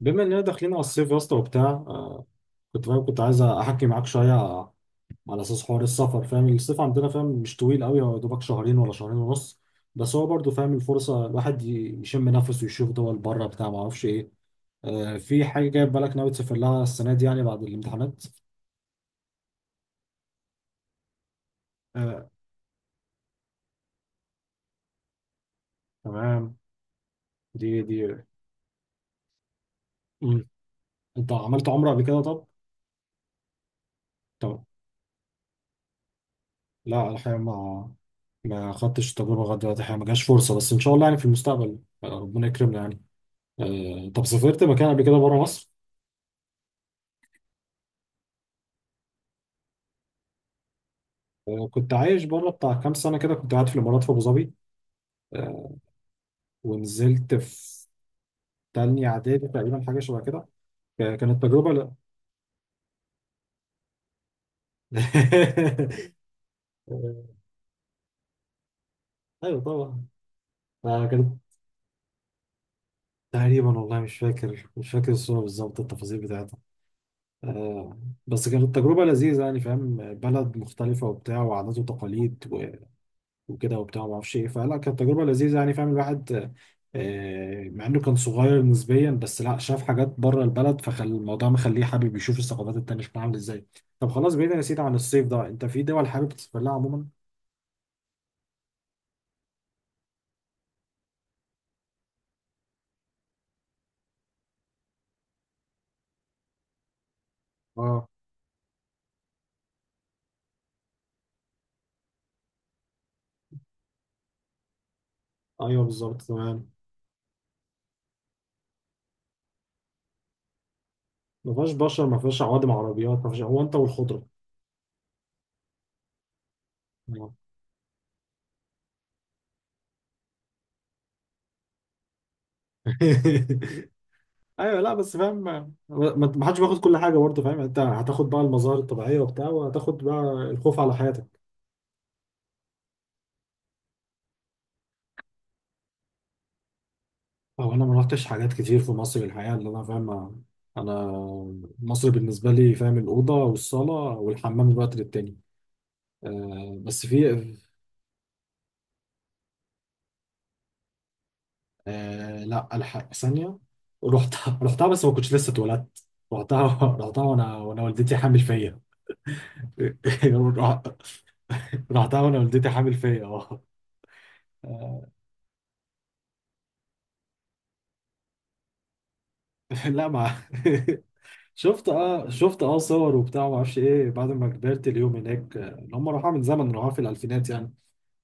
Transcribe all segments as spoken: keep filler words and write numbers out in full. بما اننا داخلين على الصيف يا اسطى وبتاع، آه كنت فاهم، كنت عايز احكي معاك شويه على اساس حوار السفر. فاهم الصيف عندنا، فاهم، مش طويل قوي، هو يا دوبك شهرين ولا شهرين ونص. بس هو برضو فاهم الفرصه الواحد ي- يشم نفسه ويشوف دول بره بتاع، ما اعرفش ايه. آه، في حاجه جايه في بالك ناوي تسافر لها السنه دي، يعني بعد الامتحانات؟ آه، تمام. دي دي مم. انت عملت عمره قبل كده؟ طب، طب لا الحقيقة، ما ما خدتش التجربة لغاية دلوقتي، الحقيقة ما جاش فرصة، بس ان شاء الله يعني في المستقبل، آه، ربنا يكرمنا يعني. آه، طب سافرت مكان قبل كده بره مصر؟ آه، كنت عايش بره بتاع كام سنة كده، كنت قاعد في الإمارات في أبو ظبي. آه، ونزلت في تانية إعدادي تقريبا، حاجة شبه كده. ك- كانت تجربة، لا. آه، أيوه طبعا. آه، كانت تقريبا، والله مش فاكر، مش فاكر الصورة بالظبط، التفاصيل بتاعتها. آه، بس كانت تجربة لذيذة يعني، فاهم، بلد مختلفة وبتاع، وعادات وتقاليد وكده وبتاع ما اعرفش ايه، فلا كانت تجربه لذيذه يعني، فاهم الواحد، آه، مع انه كان صغير نسبيا، بس لا شاف حاجات بره البلد، فخل الموضوع مخليه حابب يشوف الثقافات التانيه شكلها عامل ازاي. طب خلاص، بعيدا يا سيدي عن الصيف ده، انت في دول حابب تسافر لها عموما؟ اه، ايوه بالظبط تمام. ما فيهاش بشر، ما فيهاش عوادم عربيات، ما فيهاش، هو انت والخضره. آه. ايوه، لا بس فاهم، ما ما- ما حدش بياخد كل حاجه برضه، فاهم، انت هتاخد بقى المظاهر الطبيعيه وبتاع، وهتاخد بقى الخوف على حياتك. هو انا ما رحتش حاجات كتير في مصر الحقيقه، اللي انا فاهم، انا مصر بالنسبه لي، فاهم، الاوضه والصاله والحمام، الوقت للتاني. آه بس في، آه لا، الحق ثانيه، رحتها، رحتها بس ما كنتش لسه اتولدت، رحتها رحتها وانا وانا والدتي حامل فيا. رحتها وانا والدتي حامل فيا، اه. لا، ما شفت، اه شفت، اه صور وبتاع ما اعرفش ايه، بعد ما كبرت اليوم هناك. آه، اللي هم راحوا من زمن، راحوا في الالفينات يعني.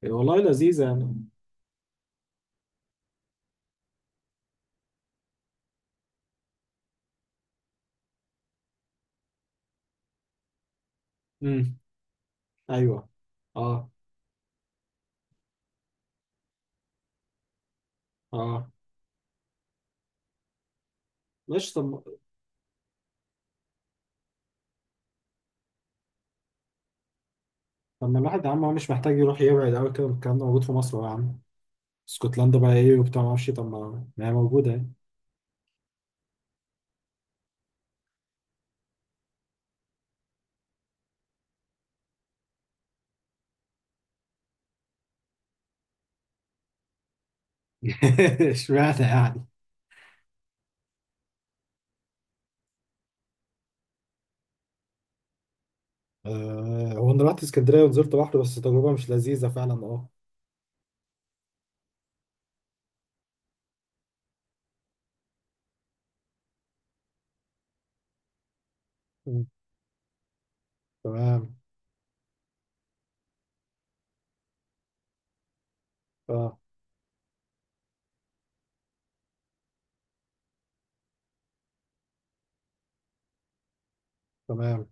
إيه، والله لذيذة يعني. امم، ايوه اه اه. مش، طب، طب ما الواحد يا عم، هو مش محتاج يروح يبعد قوي كده، الكلام ده موجود في مصر أهو يا عم. اسكتلندا بقى ايه وبتاع ما اعرفش، طب ما ما هي موجوده يعني. اشمعنى يعني؟ آه، هو انا رحت اسكندريه ونزلت بحر، بس تجربه مش لذيذه فعلا، اه. مم. تمام. اه، تمام.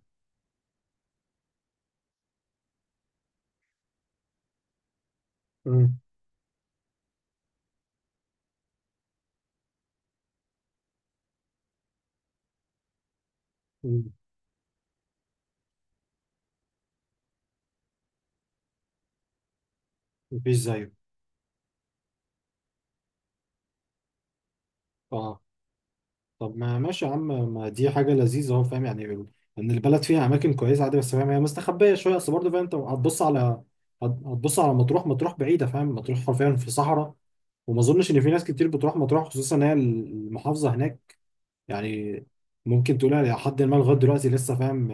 مم. مم. مفيش زيه. اه، طب ما ماشي يا عم، ما دي حاجة لذيذة اهو، فاهم يعني ال- ان البلد فيها اماكن كويسة عادي، بس فاهم هي مستخبية شوية اصل، برضه فاهم انت هتبص على، هت- هتبص على مطروح. مطروح بعيدة، فاهم، مطروح حرفيا في صحراء، وما اظنش ان في ناس كتير بتروح مطروح، خصوصا ان هي المحافظة هناك، يعني ممكن تقولها لحد ما لغاية دلوقتي لسه فاهم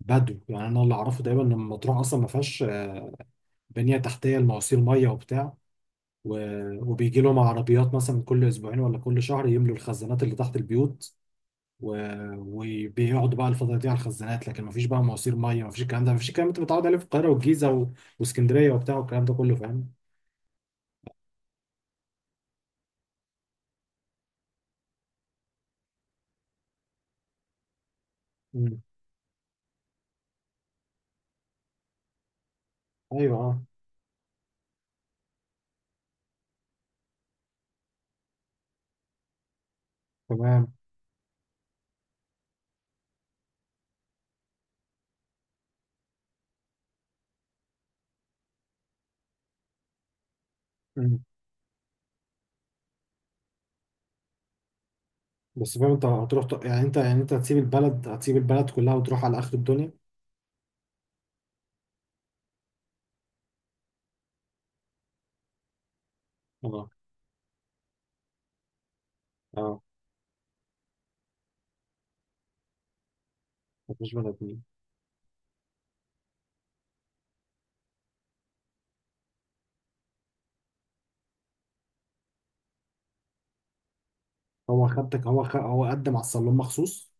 بدو يعني. انا اللي اعرفه تقريبا ان مطروح اصلا ما فيهاش بنية تحتية لمواسير مية وبتاع، و- وبيجي لهم عربيات مثلا كل اسبوعين ولا كل شهر يملوا الخزانات اللي تحت البيوت، و- وبيقعدوا بقى الفترة دي على الخزانات، لكن مفيش بقى مواسير مية، مفيش الكلام ده، مفيش الكلام اللي انت متعود عليه في القاهرة والجيزة و- واسكندرية وبتاع، والكلام ده كله فاهم. مم. ايوه اه تمام. مم. بس فاهم، انت هتروح ت- يعني انت، يعني انت هتسيب البلد، هتسيب البلد كلها وتروح على اخر الدنيا. اه اه. مفيش بني ادمين. هو خدتك؟ هو خ... هو قدم على السلوم مخصوص؟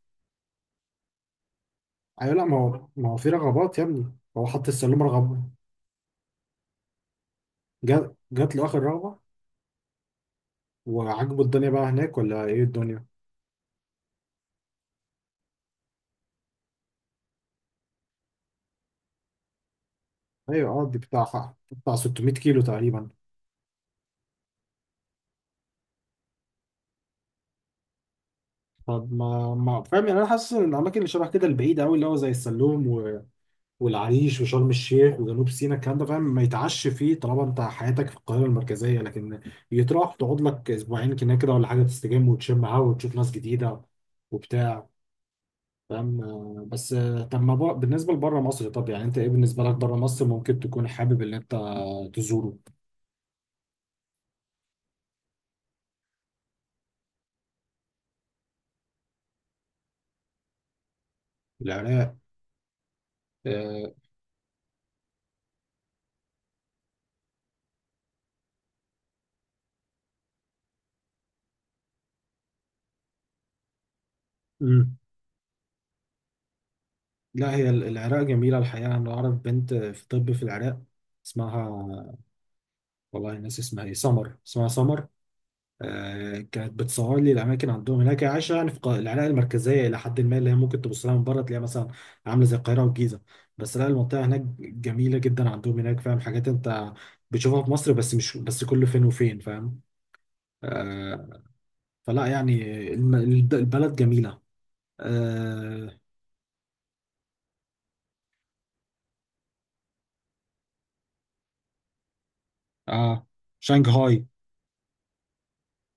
ايوه لا، ما هو، ما هو في رغبات يا ابني، هو حط السلوم رغبة. جات جات له اخر رغبة. وعجبه الدنيا بقى هناك ولا ايه الدنيا؟ ايوه اه، دي بتاع بتاع ست ميت كيلو تقريبا. طب ما ما فاهم يعني، انا حاسس ان الاماكن اللي شبه كده البعيده قوي، اللي هو زي السلوم و... والعريش وشرم الشيخ وجنوب سيناء، الكلام ده فاهم، ما يتعش فيه طالما انت حياتك في القاهره المركزيه، لكن يتروح تقعد لك اسبوعين كده كده ولا حاجه، تستجم وتشم هوا وتشوف ناس جديده وبتاع، فاهم. آه، بس آه، طب ما بر... بالنسبه لبره مصر، طب يعني انت ايه بالنسبه لك بره مصر ممكن تكون حابب ان انت تزوره؟ العراق. آه، لا هي ال- العراق جميلة الحقيقة، أنا أعرف بنت في طب في العراق، اسمها، والله ناس اسمها إيه، سمر، اسمها سمر. آه، كانت بتصور لي الأماكن عندهم هناك، هي عايشة يعني في الق- العراق المركزية إلى حد ما، اللي هي ممكن تبص لها من بره تلاقيها مثلا عاملة زي القاهرة والجيزة. بس لا، المنطقة هناك جميلة جدا، عندهم هناك فاهم حاجات أنت بتشوفها في مصر بس مش بس كل فين وفين، فاهم. آه، فلا يعني، الم- البلد جميلة. آه, آه، شنغهاي.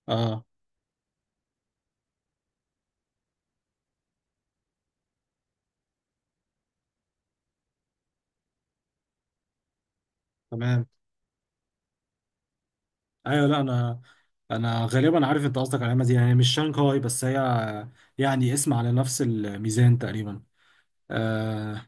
آه، تمام. ايوه، لا انا، انا غالبا عارف انت قصدك على العلامه دي، يعني مش شانغهاي، بس هي يعني اسم على نفس الميزان تقريبا. آه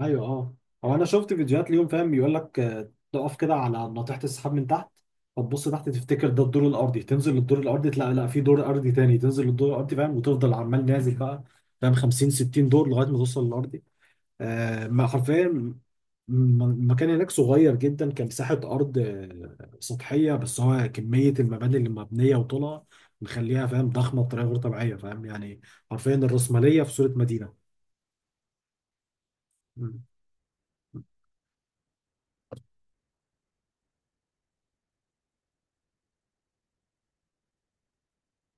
ايوه اه. هو انا شفت فيديوهات ليهم، فاهم، بيقول لك آه، تقف كده على ناطحه السحاب من تحت، فتبص تحت تفتكر ده الدور الارضي، تنزل للدور الارضي تلاقي لا في دور ارضي تاني، تنزل للدور الارضي، فاهم، وتفضل عمال نازل بقى، فاهم، خمسين ستين دور لغايه ما توصل للارضي. آه، ما حرفيا، م- المكان هناك صغير جدا كان، مساحة أرض آه، سطحية، بس هو كمية المباني اللي مبنية وطلع مخليها، فاهم، ضخمة بطريقة غير طبيعية فاهم يعني، حرفيا الرأسمالية في صورة مدينة. مم.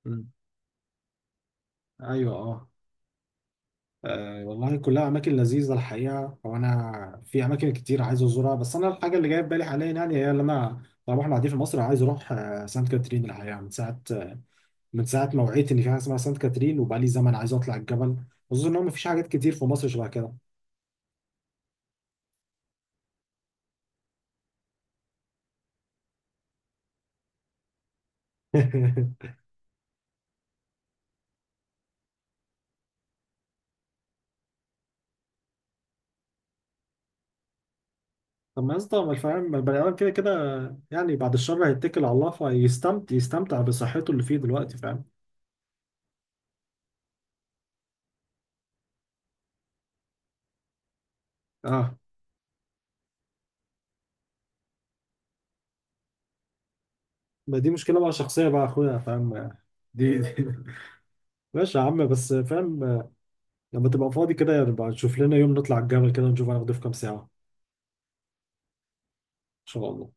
مم. أيوه أه. آه، والله كلها أماكن لذيذة الحقيقة، وأنا في أماكن كتير عايز أزورها، بس أنا الحاجة اللي جاية في بالي حاليا يعني، هي اللي أنا طبعا إحنا قاعدين في مصر، عايز أروح آه، سانت كاترين الحقيقة، من ساعة، من ساعه ما وعيت ان في حاجه اسمها سانت كاترين، وبقى لي زمن عايز اطلع الجبل، خصوصا ان هو مفيش حاجات كتير في مصر شبه كده. طب ما يا اسطى، ما الفهم ما البني ادم كده كده، يعني بعد الشر هيتكل على الله، فيستمتع، يستمتع بصحته اللي فيه دلوقتي، فاهم. اه، ما دي مشكله بقى شخصيه بقى يا اخويا، فاهم. دي, دي. ماشي يا عم، بس فاهم، لما تبقى فاضي كده، يبقى نشوف لنا يوم نطلع الجبل كده نشوف هناخده في كام ساعه ان شاء الله.